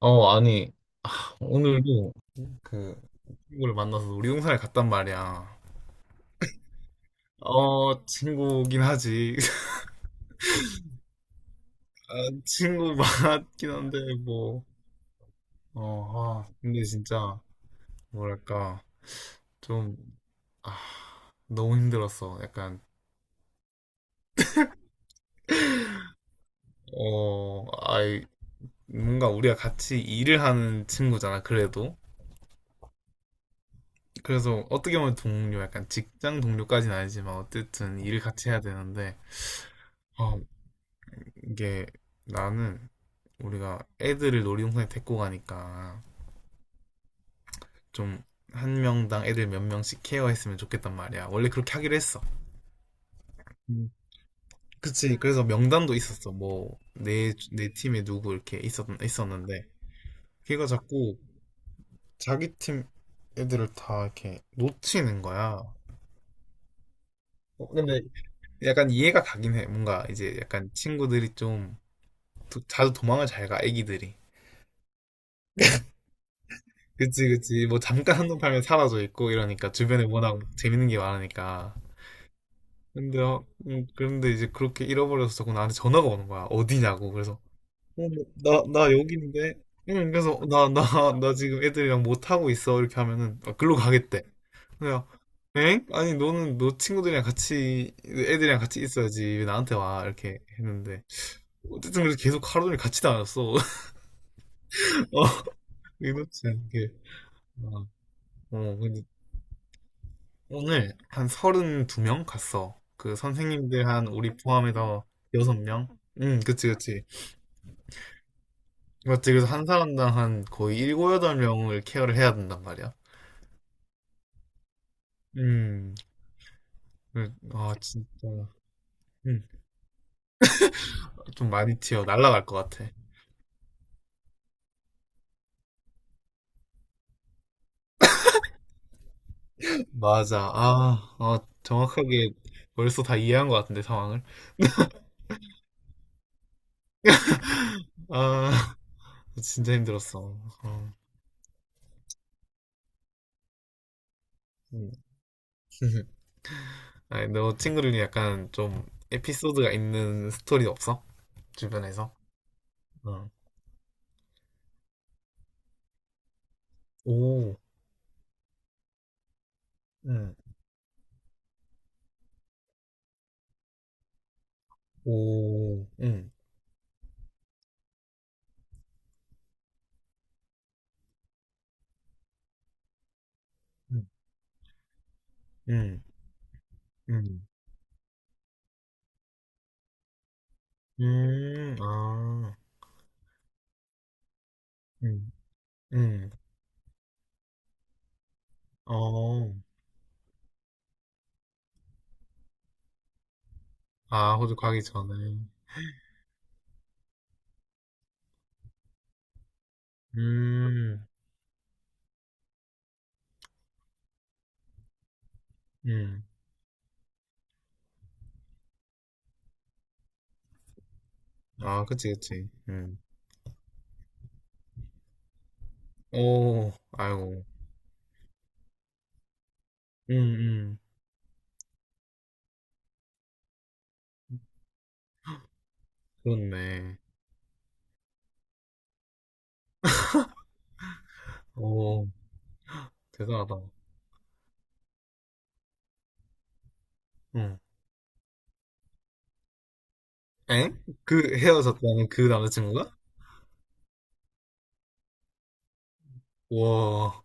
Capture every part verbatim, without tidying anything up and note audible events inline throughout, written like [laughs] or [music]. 어, 아니, 아, 오늘도 그 친구를 만나서 놀이동산에 갔단 말이야. 어, 친구긴 하지. [laughs] 아, 친구 맞긴 한데, 뭐. 어, 아, 근데 진짜, 뭐랄까, 좀, 아, 너무 힘들었어. 약간, 어, 아이, 뭔가 우리가 같이 일을 하는 친구잖아, 그래도. 그래서 어떻게 보면 동료, 약간 직장 동료까지는 아니지만, 어쨌든 일을 같이 해야 되는데, 아, 이게 나는 우리가 애들을 놀이동산에 데리고 가니까 좀 한 명당 애들 몇 명씩 케어했으면 좋겠단 말이야. 원래 그렇게 하기로 했어. 음. 그치. 그래서 명단도 있었어. 뭐, 내, 내 팀에 누구 이렇게 있었, 있었는데. 걔가 자꾸 자기 팀 애들을 다 이렇게 놓치는 거야. 어, 근데 약간 이해가 가긴 해. 뭔가 이제 약간 친구들이 좀 도- 자주 도망을 잘 가, 애기들이. 그치, 그치. 뭐 잠깐 한눈 팔면 사라져 있고 이러니까 주변에 워낙 재밌는 게 많으니까. 근데, 어, 음, 그런데 이제 그렇게 잃어버려서 자꾸 나한테 전화가 오는 거야. 어디냐고. 그래서, 어, 뭐, 나, 나 여기인데. 응, 그래서 나, 나, 나 지금 애들이랑 못 하고 있어. 이렇게 하면은, 아, 글로 가겠대. 그래서, 엥? 아니, 너는 너 친구들이랑 같이, 애들이랑 같이 있어야지. 왜 나한테 와? 이렇게 했는데. 어쨌든 그래서 계속 하루 종일 같이 다녔어. [laughs] 어, 이렇지 않게. 어, 어, 오늘 한 삼십이 명 갔어. 그 선생님들 한 우리 포함해서 여섯 명? 응, 그치, 그치. 맞지. 그래서 한 사람당 한 거의 칠, 여덟 명을 케어를 해야 된단 말이야. 음, 그- 아, 진짜. 음, 좀 많이 튀어. 날라갈 것 같아. 맞아. 아, 아, 정확하게 벌써 다 이해한 것 같은데, 상황을. [laughs] 아, 진짜 힘들었어. 어, 음. [laughs] 아니, 너 친구들이 약간 좀 에피소드가 있는 스토리 없어? 주변에서? 어. 오. 응. 오. 응. 응. 응. 응. 음. 아. 응. 응. 어. 아, 호주 가기 전에. 음. 음. 아, 그치, 그치. 음. 오. 아이고. 음, 음. 그렇네. 오. 대단하다. 응. 엥? 그 헤어졌다는 그 남자친구가? 와.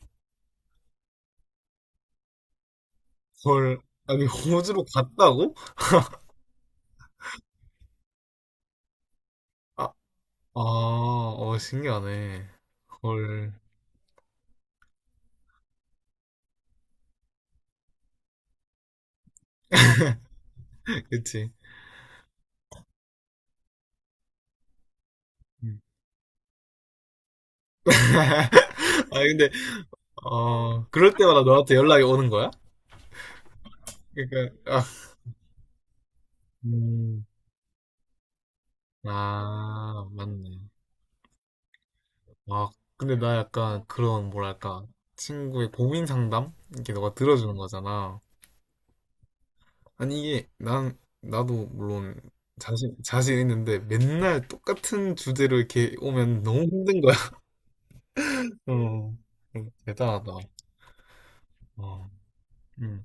헐. 아니, 호주로 갔다고? 아, 아, 어, 신기하네. 헐. [laughs] 그치. 음. [laughs] 아 근데 어 그럴 때마다 너한테 연락이 오는 거야? 그러니까 아, 음, 아 맞네. 아 근데 나 약간 그런 뭐랄까 친구의 고민 상담 이렇게 너가 들어주는 거잖아. 아니 이게 난 나도 물론 자신 자신 있는데 맨날 똑같은 주제로 이렇게 오면 너무 힘든 거야. [laughs] 어 음, 대단하다. 어, 음,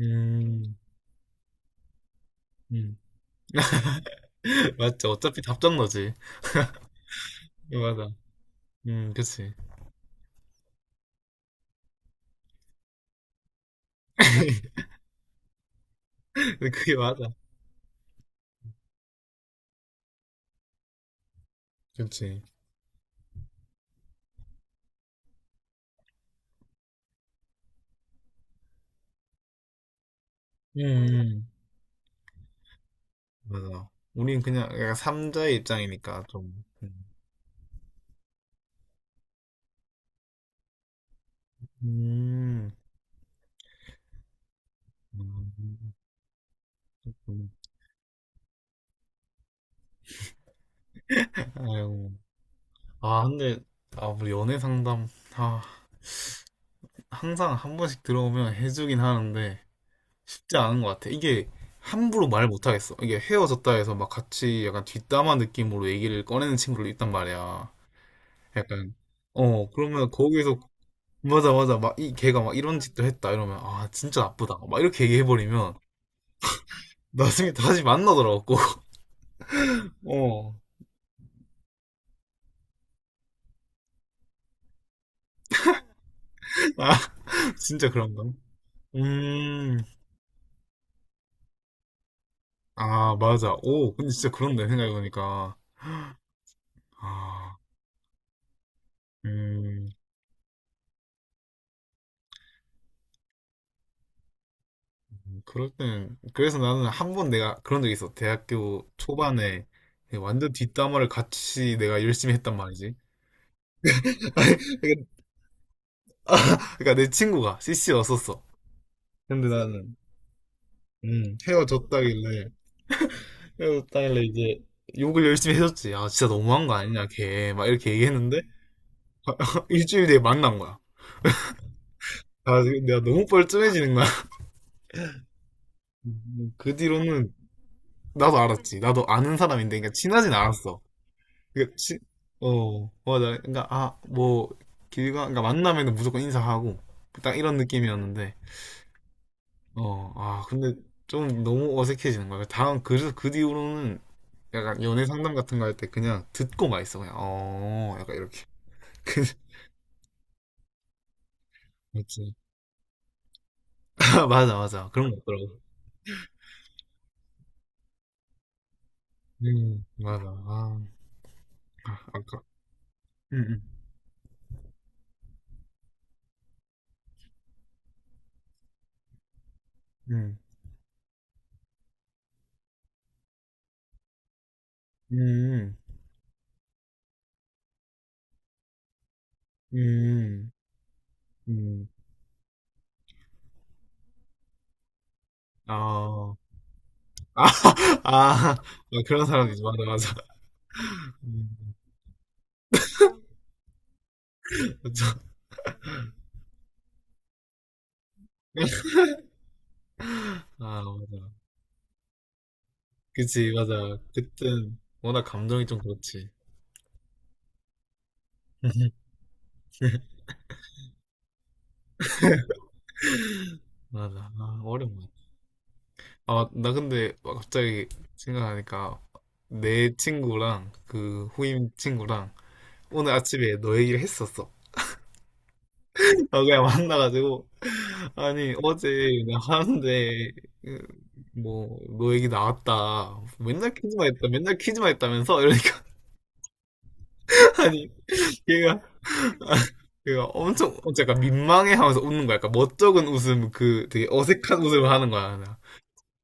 음, 음. [laughs] 맞지. 어차피 답장 너지. 맞아. 음, 그치. [laughs] 그게 맞아. 그지 음, 맞아. 우린 그냥 약간 삼자의 입장이니까 좀. 음. 음, 음. 음. 아이고. 아, 근데, 아, 우리 연애 상담, 아, 항상 한 번씩 들어오면 해주긴 하는데, 쉽지 않은 것 같아. 이게, 함부로 말 못하겠어. 이게 헤어졌다 해서 막 같이 약간 뒷담화 느낌으로 얘기를 꺼내는 친구를 있단 말이야. 약간, 어, 그러면 거기서 맞아, 맞아. 막, 이, 걔가 막 이런 짓도 했다. 이러면, 아, 진짜 나쁘다. 막 이렇게 얘기해버리면, 나중에 다시 만나더라고. [laughs] 어. 아, [laughs] 진짜 그런가? 음, 아, 맞아. 오, 근데 진짜 그런데, 생각해보니까. 아, 음, 그럴 때는, 그래서 나는 한 번 내가 그런 적이 있어. 대학교 초반에 완전 뒷담화를 같이 내가 열심히 했단 말이지. [laughs] 아니, 그러니까 내 친구가 씨씨 왔었어. 근데 나는, 음, 헤어졌다길래, 그래서 다일러 이제 욕을 열심히 해줬지. 아, 진짜 너무한 거 아니냐, 걔. 막 이렇게 얘기했는데, [laughs] 일주일 뒤에 만난 거야. 아, 내가 너무 뻘쭘해지는 거야. [laughs] 그 뒤로는 나도 알았지. 나도 아는 사람인데, 그러니까 친하진 않았어. 그러니까 치, 어, 맞아. 그러니까, 아, 뭐, 길가, 그러니까 만나면 무조건 인사하고, 딱 이런 느낌이었는데, 어, 아, 근데 좀 너무 어색해지는 거야. 다음, 그래서 그 뒤로는 약간 연애 상담 같은 거 할 때 그냥 듣고만 있어. 그냥, 어, 약간 이렇게. [laughs] 맞지. [laughs] 맞아, 맞아. 그런 거 없더라고. 음, 맞아. 아, 아, 아까. 음, 음, 음, 음, 음, 음. 아, 아, [laughs] 아, 그런 사람이지. 맞아, 맞아. 음, 맞아. 아, 맞아. 그치, 맞아. 그땐 워낙 감정이 좀 그렇지. 맞아. 아, 어려운 것 같아. 아, 나 근데 막 갑자기 생각하니까 내 친구랑 그 후임 친구랑 오늘 아침에 너 얘기를 했었어. 아 그냥 만나가지고 [laughs] 아니 어제 그냥 하는데 음, 뭐, 너 얘기 나왔다. 맨날 퀴즈만 했다. 맨날 퀴즈만 했다면서? 이러니까, [laughs] 아니, 얘가, 얘가 엄청, 어, 약간 민망해 하면서 웃는 거야. 약간 멋쩍은 웃음, 그 되게 어색한 웃음을 하는 거야. 나.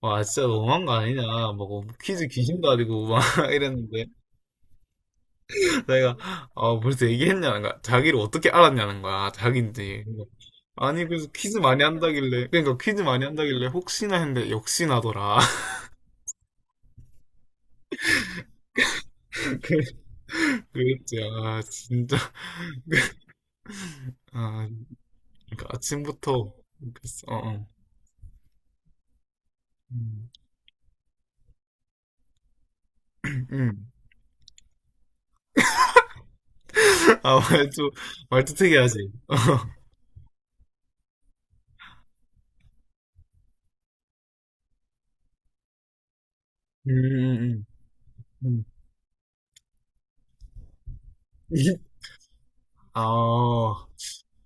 와, 진짜 너무한 거 아니냐. 막 퀴즈 귀신도 아니고, 막 [laughs] 이랬는데. 내가 아 벌써 얘기했냐는 거야. 자기를 어떻게 알았냐는 거야. 자기인지. 아니 그래서 퀴즈 많이 한다길래 그러니까 퀴즈 많이 한다길래 혹시나 했는데 역시나더라. [laughs] 그- 그랬지. 아 진짜. 그, 아 그러니까 아침부터 그랬어. 어, 어. 음. 음. 아 말투 말투 특이하지. [laughs] 어. 음, 음, 음. 음. 아,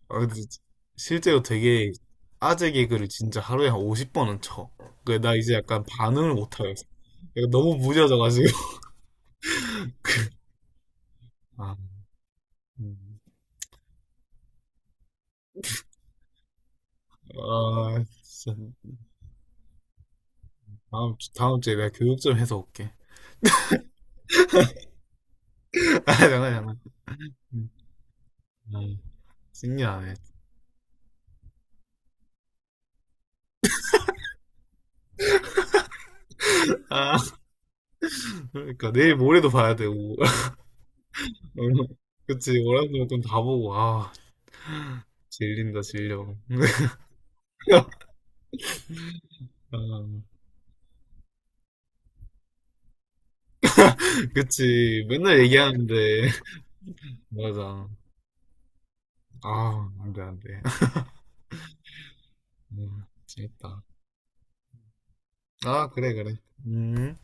아, 근데 지- 실제로 되게 아재 개그를 진짜 하루에 한 오십 번은 쳐. 그래, 나 이제 약간 반응을 못하겠어. 내가 너무 무뎌져가지고. [laughs] 아, 음. 아, 진짜. 다음, 주- 다음 주에 내가 교육 좀 해서 올게. [laughs] 아, 장난, 장난. 음. 아, 신기하네. 아, 그러니까 내일 모레도 봐야 되고. [laughs] 오늘- 그치, 월화수목 좀다 보고. 아, 질린다, 질려. [laughs] 아, 그치, 맨날 얘기하는데. [laughs] 맞아. 아, 안 돼, 안 돼. 음, 재밌다. 아, 그래, 그래. 음.